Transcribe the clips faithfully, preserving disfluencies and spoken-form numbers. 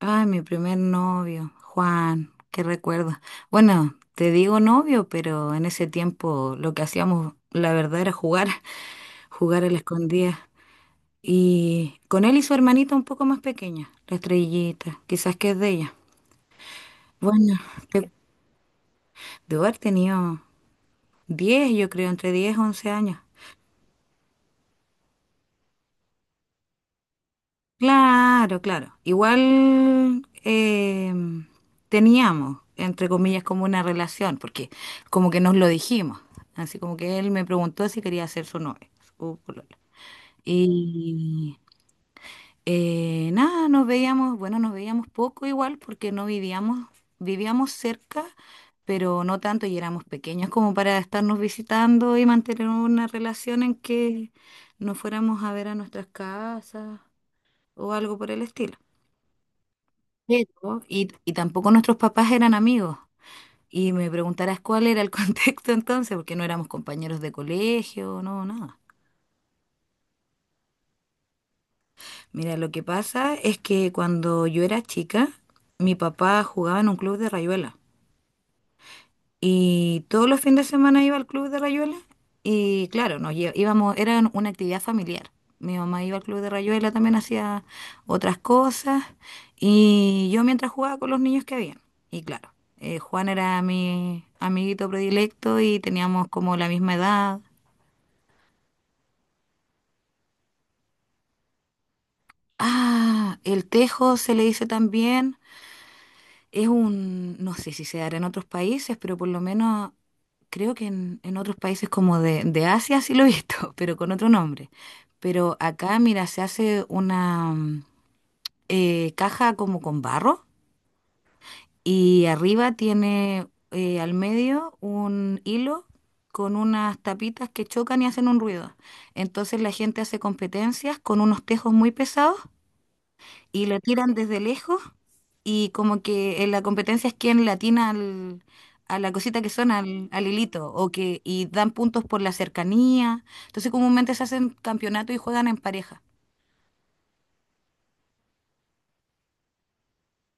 Ay, mi primer novio, Juan, qué recuerdo. Bueno, te digo novio, pero en ese tiempo lo que hacíamos, la verdad, era jugar, jugar a la escondida. Y con él y su hermanita un poco más pequeña, la estrellita, quizás que es de ella. Bueno, de debo haber tenido diez, yo creo, entre diez y once años. Claro, claro. Igual em, teníamos, entre comillas, como una relación, porque como que nos lo dijimos. Así como que él me preguntó si quería ser su novia, su polola. Y eh, nada, nos veíamos, bueno, nos veíamos poco igual porque no vivíamos, vivíamos cerca, pero no tanto y éramos pequeños como para estarnos visitando y mantener una relación en que nos fuéramos a ver a nuestras casas o algo por el estilo. Pero, y, y tampoco nuestros papás eran amigos. Y me preguntarás cuál era el contexto entonces, porque no éramos compañeros de colegio, no, nada. Mira, lo que pasa es que cuando yo era chica, mi papá jugaba en un club de rayuela. Y todos los fines de semana iba al Club de Rayuela y claro, nos lle- íbamos, era una actividad familiar. Mi mamá iba al Club de Rayuela, también hacía otras cosas y yo mientras jugaba con los niños que habían. Y claro, eh, Juan era mi amiguito predilecto y teníamos como la misma edad. Ah, el tejo se le dice también. Es un, no sé si se dará en otros países, pero por lo menos creo que en, en otros países como de, de Asia sí lo he visto, pero con otro nombre. Pero acá, mira, se hace una mm, eh, caja como con barro y arriba tiene eh, al medio un hilo con unas tapitas que chocan y hacen un ruido. Entonces la gente hace competencias con unos tejos muy pesados y lo tiran desde lejos y como que en la competencia es quien le atina al- a la cosita que suena, al, al hilito, o que, y dan puntos por la cercanía. Entonces comúnmente se hacen campeonato y juegan en pareja.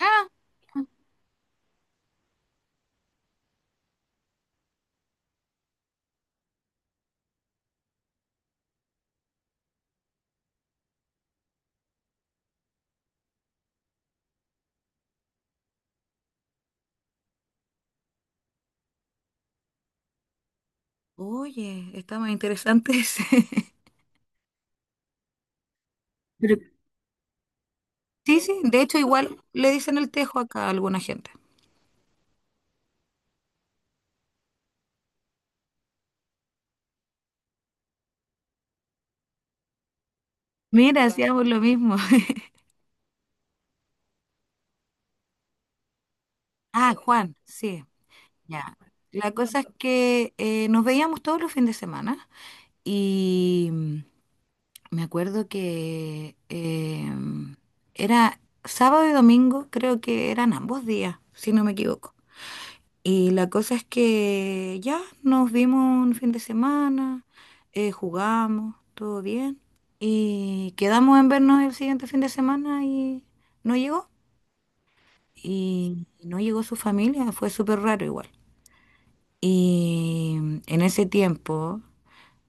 Ah, oye, está más interesante ese. Pero- sí, sí, de hecho igual le dicen el tejo acá a alguna gente. Mira, hacíamos lo mismo. Ah, Juan, sí, ya. La cosa es que eh, nos veíamos todos los fines de semana y me acuerdo que em, era sábado y domingo, creo que eran ambos días, si no me equivoco. Y la cosa es que ya nos vimos un fin de semana, eh, jugamos, todo bien. Y quedamos en vernos el siguiente fin de semana y no llegó. Y no llegó su familia, fue súper raro igual. Y en ese tiempo,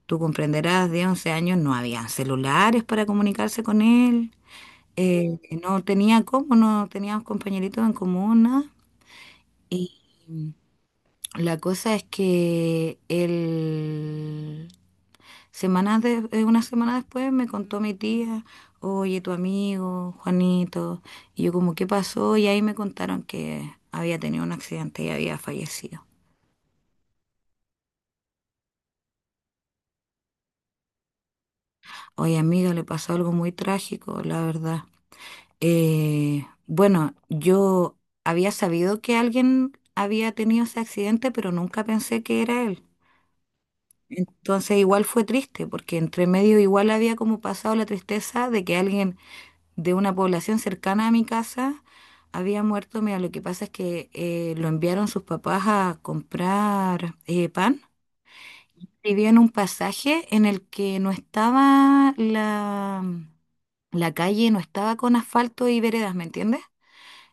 tú comprenderás, de once años no habían celulares para comunicarse con él. Eh, que no tenía cómo, no teníamos compañeritos en común, nada. Y la cosa es que él, semanas de, eh, una semana después me contó mi tía, oye, tu amigo, Juanito, y yo como, ¿qué pasó? Y ahí me contaron que había tenido un accidente y había fallecido. Oye, amiga, le pasó algo muy trágico, la verdad. Eh, bueno, yo había sabido que alguien había tenido ese accidente, pero nunca pensé que era él. Entonces igual fue triste, porque entre medio igual había como pasado la tristeza de que alguien de una población cercana a mi casa había muerto. Mira, lo que pasa es que eh, lo enviaron sus papás a comprar eh, pan. Vivía en un pasaje en el que no estaba la, la calle, no estaba con asfalto y veredas, ¿me entiendes?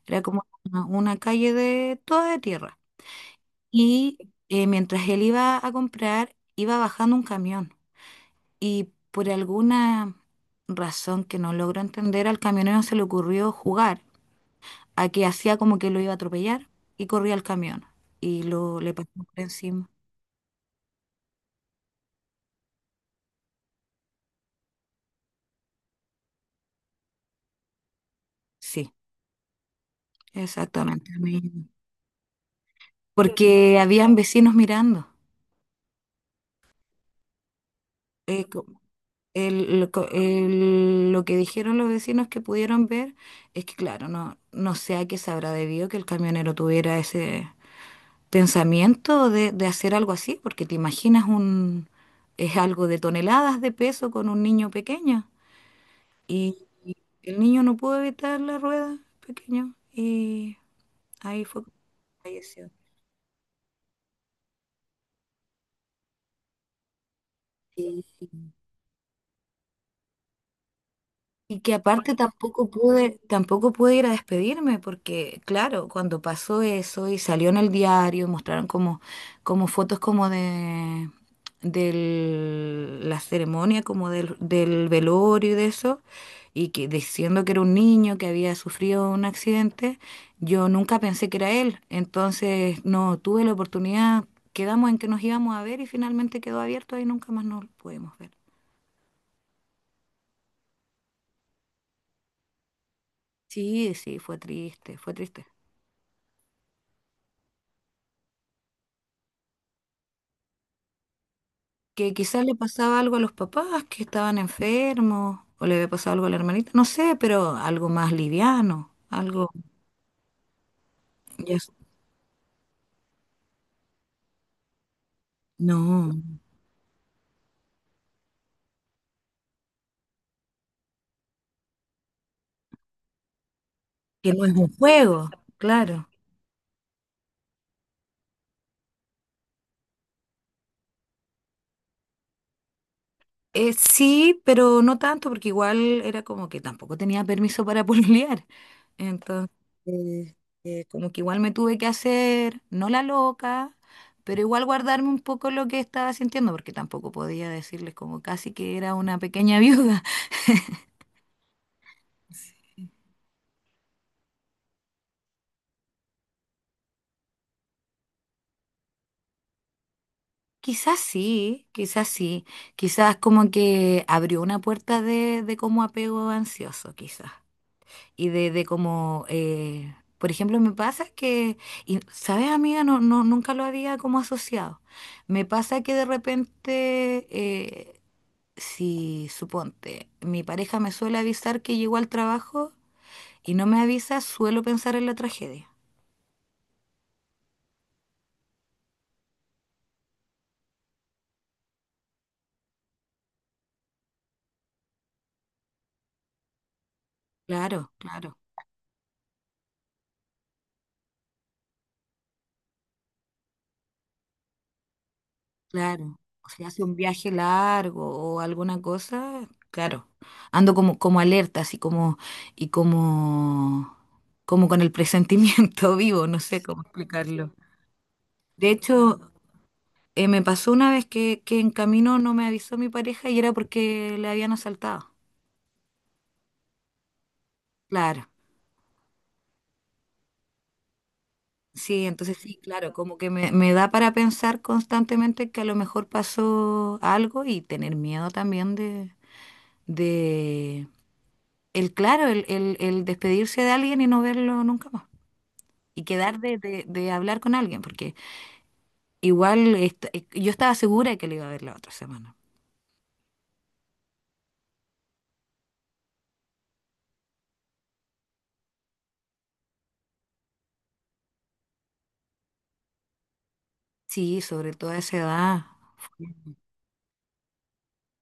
Era como una una calle de toda de tierra. Y eh, mientras él iba a comprar, iba bajando un camión. Y por alguna razón que no logro entender, al camionero se le ocurrió jugar a que hacía como que lo iba a atropellar y corría al camión y lo le pasó por encima. Sí, exactamente. A mí. Porque habían vecinos mirando. Eh, co- el- lo co- el- lo que dijeron los vecinos que pudieron ver es que, claro, no, no sé a qué se habrá debido que el camionero tuviera ese pensamiento de, de hacer algo así, porque te imaginas un, es algo de toneladas de peso con un niño pequeño. Y, y el niño no pudo evitar la rueda pequeño y ahí fue que falleció. Sí. Y que aparte tampoco pude, tampoco pude ir a despedirme, porque claro, cuando pasó eso y salió en el diario, mostraron como, como fotos como de, de la ceremonia, como del, del velorio y de eso, y que diciendo que era un niño que había sufrido un accidente, yo nunca pensé que era él. Entonces no tuve la oportunidad, quedamos en que nos íbamos a ver y finalmente quedó abierto y nunca más nos pudimos ver. Sí, sí, fue triste, fue triste. Que quizás le pasaba algo a los papás que estaban enfermos, o le había pasado algo a la hermanita, no sé, pero algo más liviano, algo, ya s- no, que no es un juego, claro. Eh, sí, pero no tanto, porque igual era como que tampoco tenía permiso para pololear. Entonces, eh, eh, como que igual me tuve que hacer, no la loca, pero igual guardarme un poco lo que estaba sintiendo, porque tampoco podía decirles como casi que era una pequeña viuda. Quizás sí, quizás sí. Quizás como que abrió una puerta de, de como apego ansioso, quizás. Y de, de como, eh, por ejemplo, me pasa que, y, ¿sabes, amiga? No, no, nunca lo había como asociado. Me pasa que de repente, eh, si suponte, mi pareja me suele avisar que llegó al trabajo y no me avisa, suelo pensar en la tragedia. Claro, claro. Claro, o sea, hace un viaje largo o alguna cosa, claro, ando como, como alerta, así como, y como, como con el presentimiento vivo, no sé cómo explicarlo. De hecho, eh, me pasó una vez que, que en camino no me avisó mi pareja y era porque le habían asaltado. Claro, sí, entonces sí, claro, como que me, me da para pensar constantemente que a lo mejor pasó algo y tener miedo también de, de el, claro, el, el, el despedirse de alguien y no verlo nunca más. Y quedar de, de, de hablar con alguien, porque igual est- eh, yo estaba segura de que le iba a ver la otra semana. Sí, sobre todo a esa edad.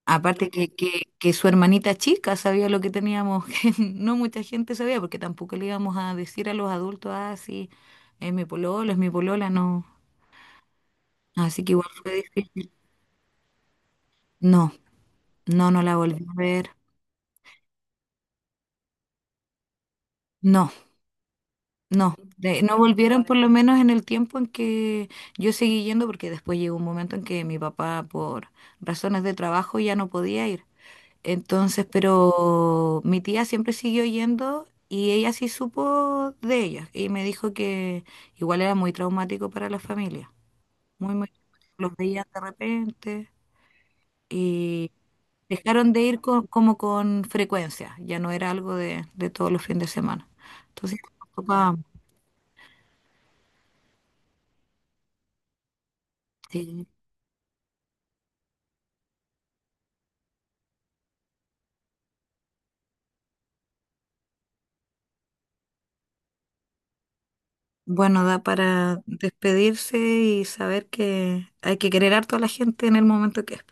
Aparte que, que, que su hermanita chica sabía lo que teníamos, que no mucha gente sabía, porque tampoco le íbamos a decir a los adultos, ah, sí, es mi pololo, es mi polola, no. Así que igual fue difícil. No, no, no la volví a ver. No. No, de- no volvieron por lo menos en el tiempo en que yo seguí yendo, porque después llegó un momento en que mi papá por razones de trabajo ya no podía ir. Entonces, pero mi tía siempre siguió yendo y ella sí supo de ella y me dijo que igual era muy traumático para la familia, muy, muy, los veía de repente y dejaron de ir con- como con frecuencia, ya no era algo de, de todos los fines de semana. Entonces, papá, sí. Bueno, da para despedirse y saber que hay que querer harto a la gente en el momento que es.